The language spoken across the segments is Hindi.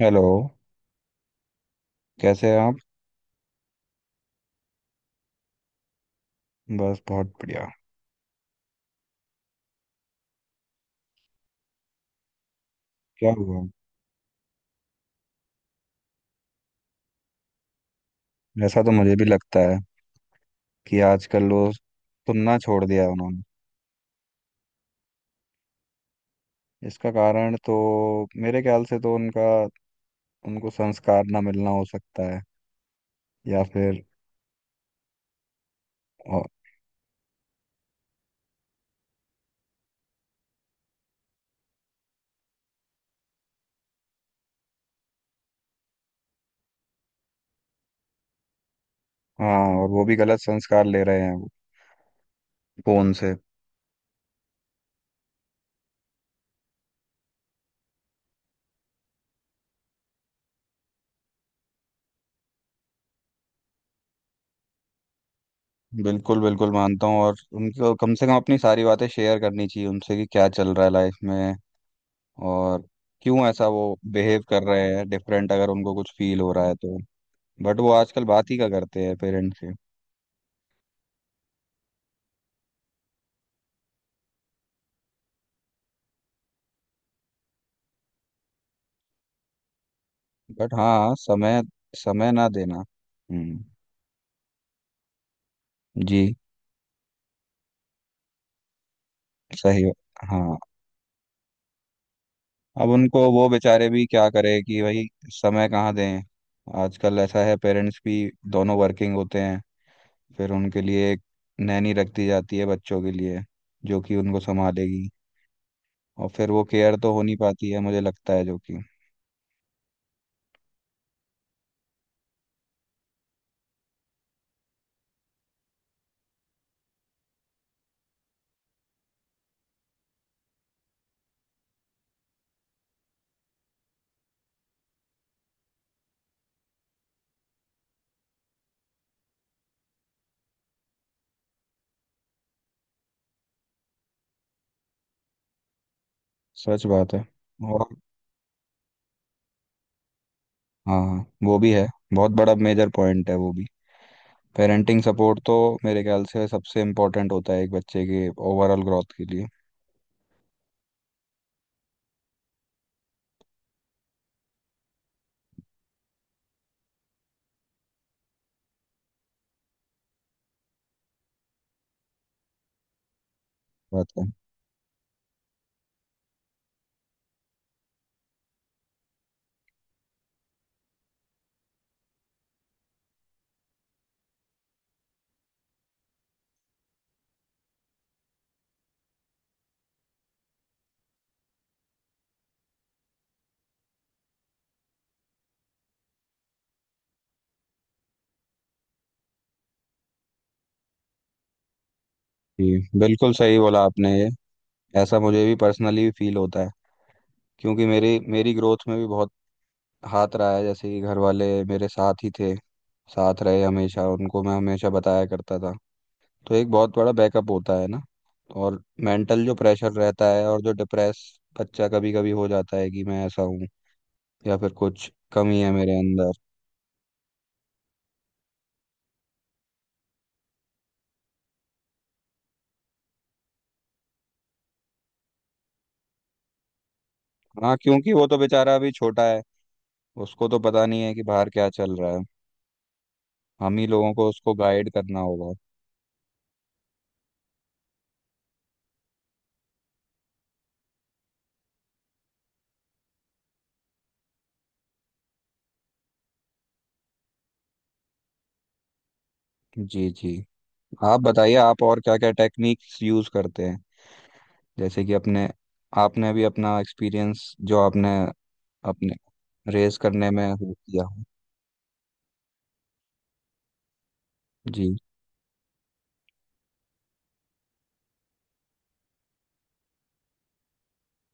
हेलो। कैसे हैं आप? बस बहुत बढ़िया। क्या हुआ? ऐसा तो मुझे भी लगता है कि आजकल लोग सुनना छोड़ दिया है उन्होंने। इसका कारण तो मेरे ख्याल से तो उनका उनको संस्कार ना मिलना हो सकता है, या फिर और-। हाँ, और वो भी गलत संस्कार ले रहे हैं वो फोन से। बिल्कुल बिल्कुल मानता हूँ, और उनको कम से कम अपनी सारी बातें शेयर करनी चाहिए उनसे कि क्या चल रहा है लाइफ में। और क्यों ऐसा वो बिहेव कर रहे हैं डिफरेंट, अगर उनको कुछ फील हो रहा है तो। बट वो आजकल बात ही का करते हैं पेरेंट्स से। बट हाँ, समय, समय ना देना। हम्म। जी। सही बात-, हाँ। अब उनको वो बेचारे भी क्या करें कि भाई समय कहाँ दें। आजकल ऐसा है, पेरेंट्स भी दोनों वर्किंग होते हैं, फिर उनके लिए एक नैनी रख दी जाती है बच्चों के लिए, जो कि उनको संभालेगी। और फिर वो केयर तो हो नहीं पाती है, मुझे लगता है जो कि सच बात है। और हाँ, वो भी है, बहुत बड़ा मेजर पॉइंट है वो भी। पेरेंटिंग सपोर्ट तो मेरे ख्याल से सबसे इम्पोर्टेंट होता है एक बच्चे के ओवरऑल ग्रोथ के लिए। बात है। जी, बिल्कुल सही बोला आपने ये। ऐसा मुझे भी पर्सनली फील होता है, क्योंकि मेरी मेरी ग्रोथ में भी बहुत हाथ रहा है, जैसे कि घर वाले मेरे साथ ही थे, साथ रहे हमेशा, उनको मैं हमेशा बताया करता था। तो एक बहुत बड़ा बैकअप होता है ना। और मेंटल जो प्रेशर रहता है और जो डिप्रेस बच्चा कभी कभी हो जाता है कि मैं ऐसा हूँ या फिर कुछ कमी है मेरे अंदर। हाँ, क्योंकि वो तो बेचारा अभी छोटा है। उसको तो पता नहीं है कि बाहर क्या चल रहा है। हम ही लोगों को उसको गाइड करना होगा। जी जी। आप बताइए, आप और क्या क्या टेक्निक्स यूज करते हैं, जैसे कि अपने, आपने भी अपना एक्सपीरियंस जो आपने अपने रेस करने में हो किया हो। जी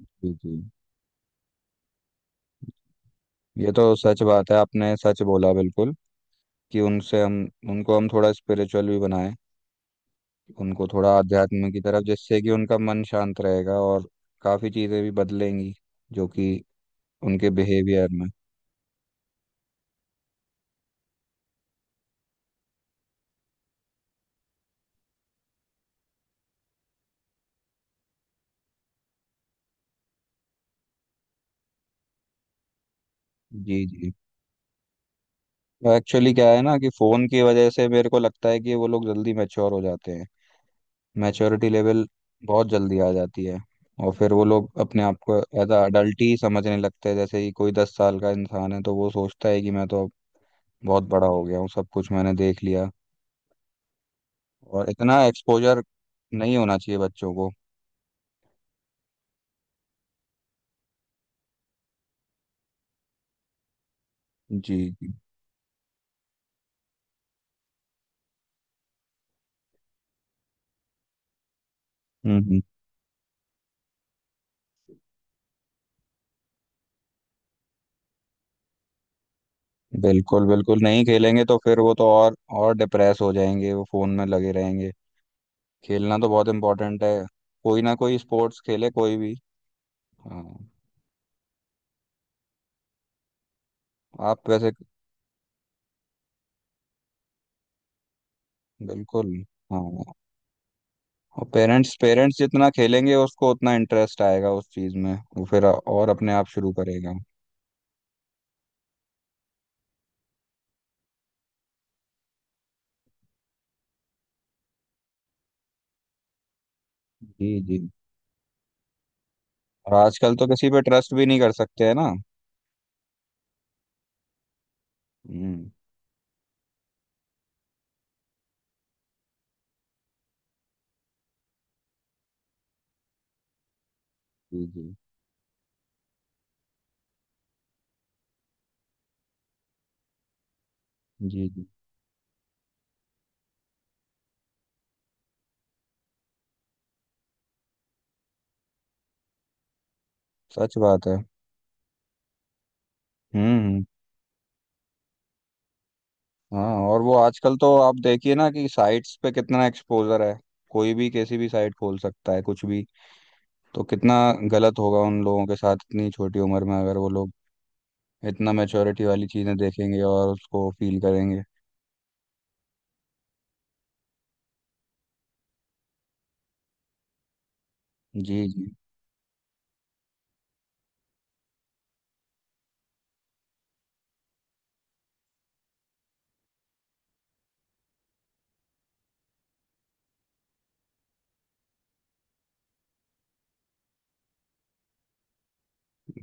जी। जी, ये तो सच बात है, आपने सच बोला बिल्कुल। कि उनसे हम, उनको हम थोड़ा स्पिरिचुअल भी बनाएं, उनको थोड़ा आध्यात्म की तरफ, जिससे कि उनका मन शांत रहेगा और काफ़ी चीज़ें भी बदलेंगी, जो कि उनके बिहेवियर में। जी जी। तो एक्चुअली क्या है ना कि फ़ोन की वजह से मेरे को लगता है कि वो लोग जल्दी मैच्योर हो जाते हैं। मैच्योरिटी लेवल बहुत जल्दी आ जाती है, और फिर वो लोग अपने आप को एज अ अडल्ट ही समझने लगते हैं। जैसे ही कोई 10 साल का इंसान है तो वो सोचता है कि मैं तो अब बहुत बड़ा हो गया हूँ, सब कुछ मैंने देख लिया। और इतना एक्सपोजर नहीं होना चाहिए बच्चों को। जी जी। हम्म। बिल्कुल बिल्कुल, नहीं खेलेंगे तो फिर वो तो और डिप्रेस हो जाएंगे, वो फ़ोन में लगे रहेंगे। खेलना तो बहुत इम्पोर्टेंट है। कोई ना कोई स्पोर्ट्स खेले, कोई भी। हाँ। आप वैसे। बिल्कुल। हाँ। और पेरेंट्स, पेरेंट्स जितना खेलेंगे उसको उतना इंटरेस्ट आएगा उस चीज़ में, वो फिर और अपने आप शुरू करेगा। जी जी। और आजकल तो किसी पे ट्रस्ट भी नहीं कर सकते है ना। हम्म। जी जी। जी जी। सच बात है। हम्म हम्म। हाँ, और वो आजकल तो आप देखिए ना कि साइट्स पे कितना एक्सपोजर है। कोई भी किसी भी साइट खोल सकता है कुछ भी, तो कितना गलत होगा उन लोगों के साथ इतनी छोटी उम्र में अगर वो लोग इतना मैच्योरिटी वाली चीज़ें देखेंगे और उसको फील करेंगे। जी जी।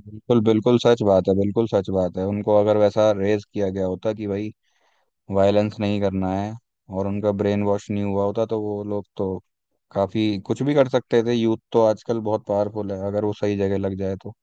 बिल्कुल बिल्कुल सच बात है, बिल्कुल सच बात है। उनको अगर वैसा रेज किया गया होता कि भाई वायलेंस नहीं करना है, और उनका ब्रेन वॉश नहीं हुआ होता तो वो लोग तो काफ़ी कुछ भी कर सकते थे। यूथ तो आजकल बहुत पावरफुल है, अगर वो सही जगह लग जाए तो।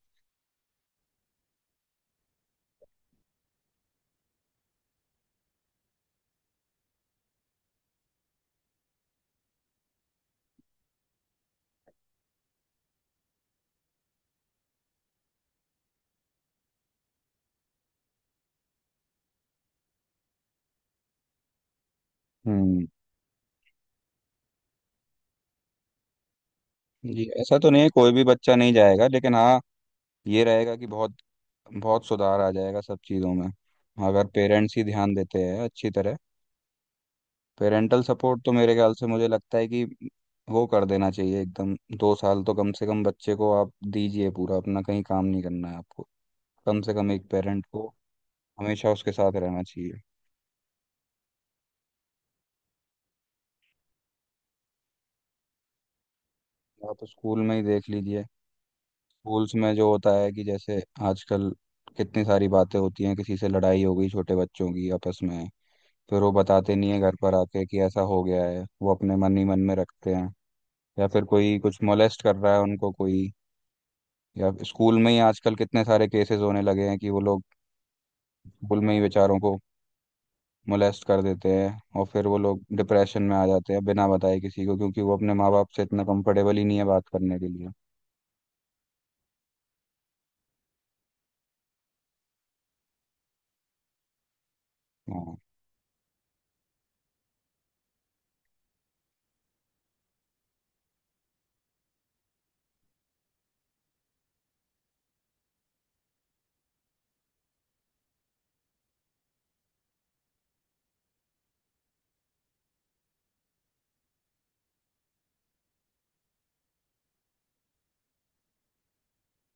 हम्म। जी, ऐसा तो नहीं है कोई भी बच्चा नहीं जाएगा, लेकिन हाँ ये रहेगा कि बहुत बहुत सुधार आ जाएगा सब चीज़ों में, अगर पेरेंट्स ही ध्यान देते हैं अच्छी तरह। पेरेंटल सपोर्ट तो मेरे ख्याल से मुझे लगता है कि वो कर देना चाहिए एकदम। 2 साल तो कम से कम बच्चे को आप दीजिए पूरा अपना, कहीं काम नहीं करना है आपको। कम से कम एक पेरेंट को हमेशा उसके साथ रहना चाहिए। आप स्कूल में ही देख लीजिए, स्कूल्स में जो होता है कि जैसे आजकल कितनी सारी बातें होती हैं, किसी से लड़ाई हो गई छोटे बच्चों की आपस में, फिर वो बताते नहीं है घर पर आके कि ऐसा हो गया है, वो अपने मन ही मन में रखते हैं। या फिर कोई कुछ मोलेस्ट कर रहा है उनको कोई, या स्कूल में ही आजकल कितने सारे केसेस होने लगे हैं कि वो लोग स्कूल में ही बेचारों को मोलेस्ट कर देते हैं, और फिर वो लोग डिप्रेशन में आ जाते हैं बिना बताए किसी को, क्योंकि वो अपने माँ बाप से इतना कंफर्टेबल ही नहीं है बात करने के लिए। हाँ।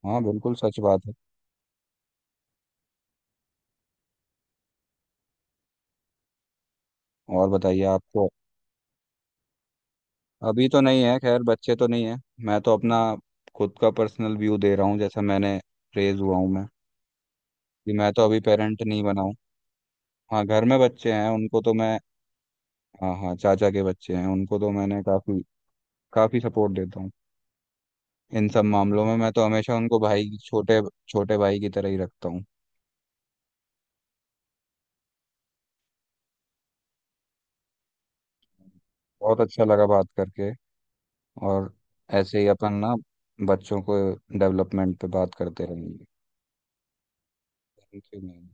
हाँ बिल्कुल सच बात है। और बताइए आपको। अभी तो नहीं है, खैर बच्चे तो नहीं है। मैं तो अपना खुद का पर्सनल व्यू दे रहा हूँ, जैसा मैंने रेज हुआ हूँ मैं। कि मैं तो अभी पेरेंट नहीं बना हूँ। हाँ, घर में बच्चे हैं उनको तो मैं, हाँ हाँ, चाचा के बच्चे हैं, उनको तो मैंने काफी काफी सपोर्ट देता हूँ इन सब मामलों में। मैं तो हमेशा उनको भाई, छोटे छोटे भाई की तरह ही रखता हूँ। बहुत अच्छा लगा बात करके। और ऐसे ही अपन ना बच्चों को डेवलपमेंट पे बात करते रहेंगे। Thank you ma'am.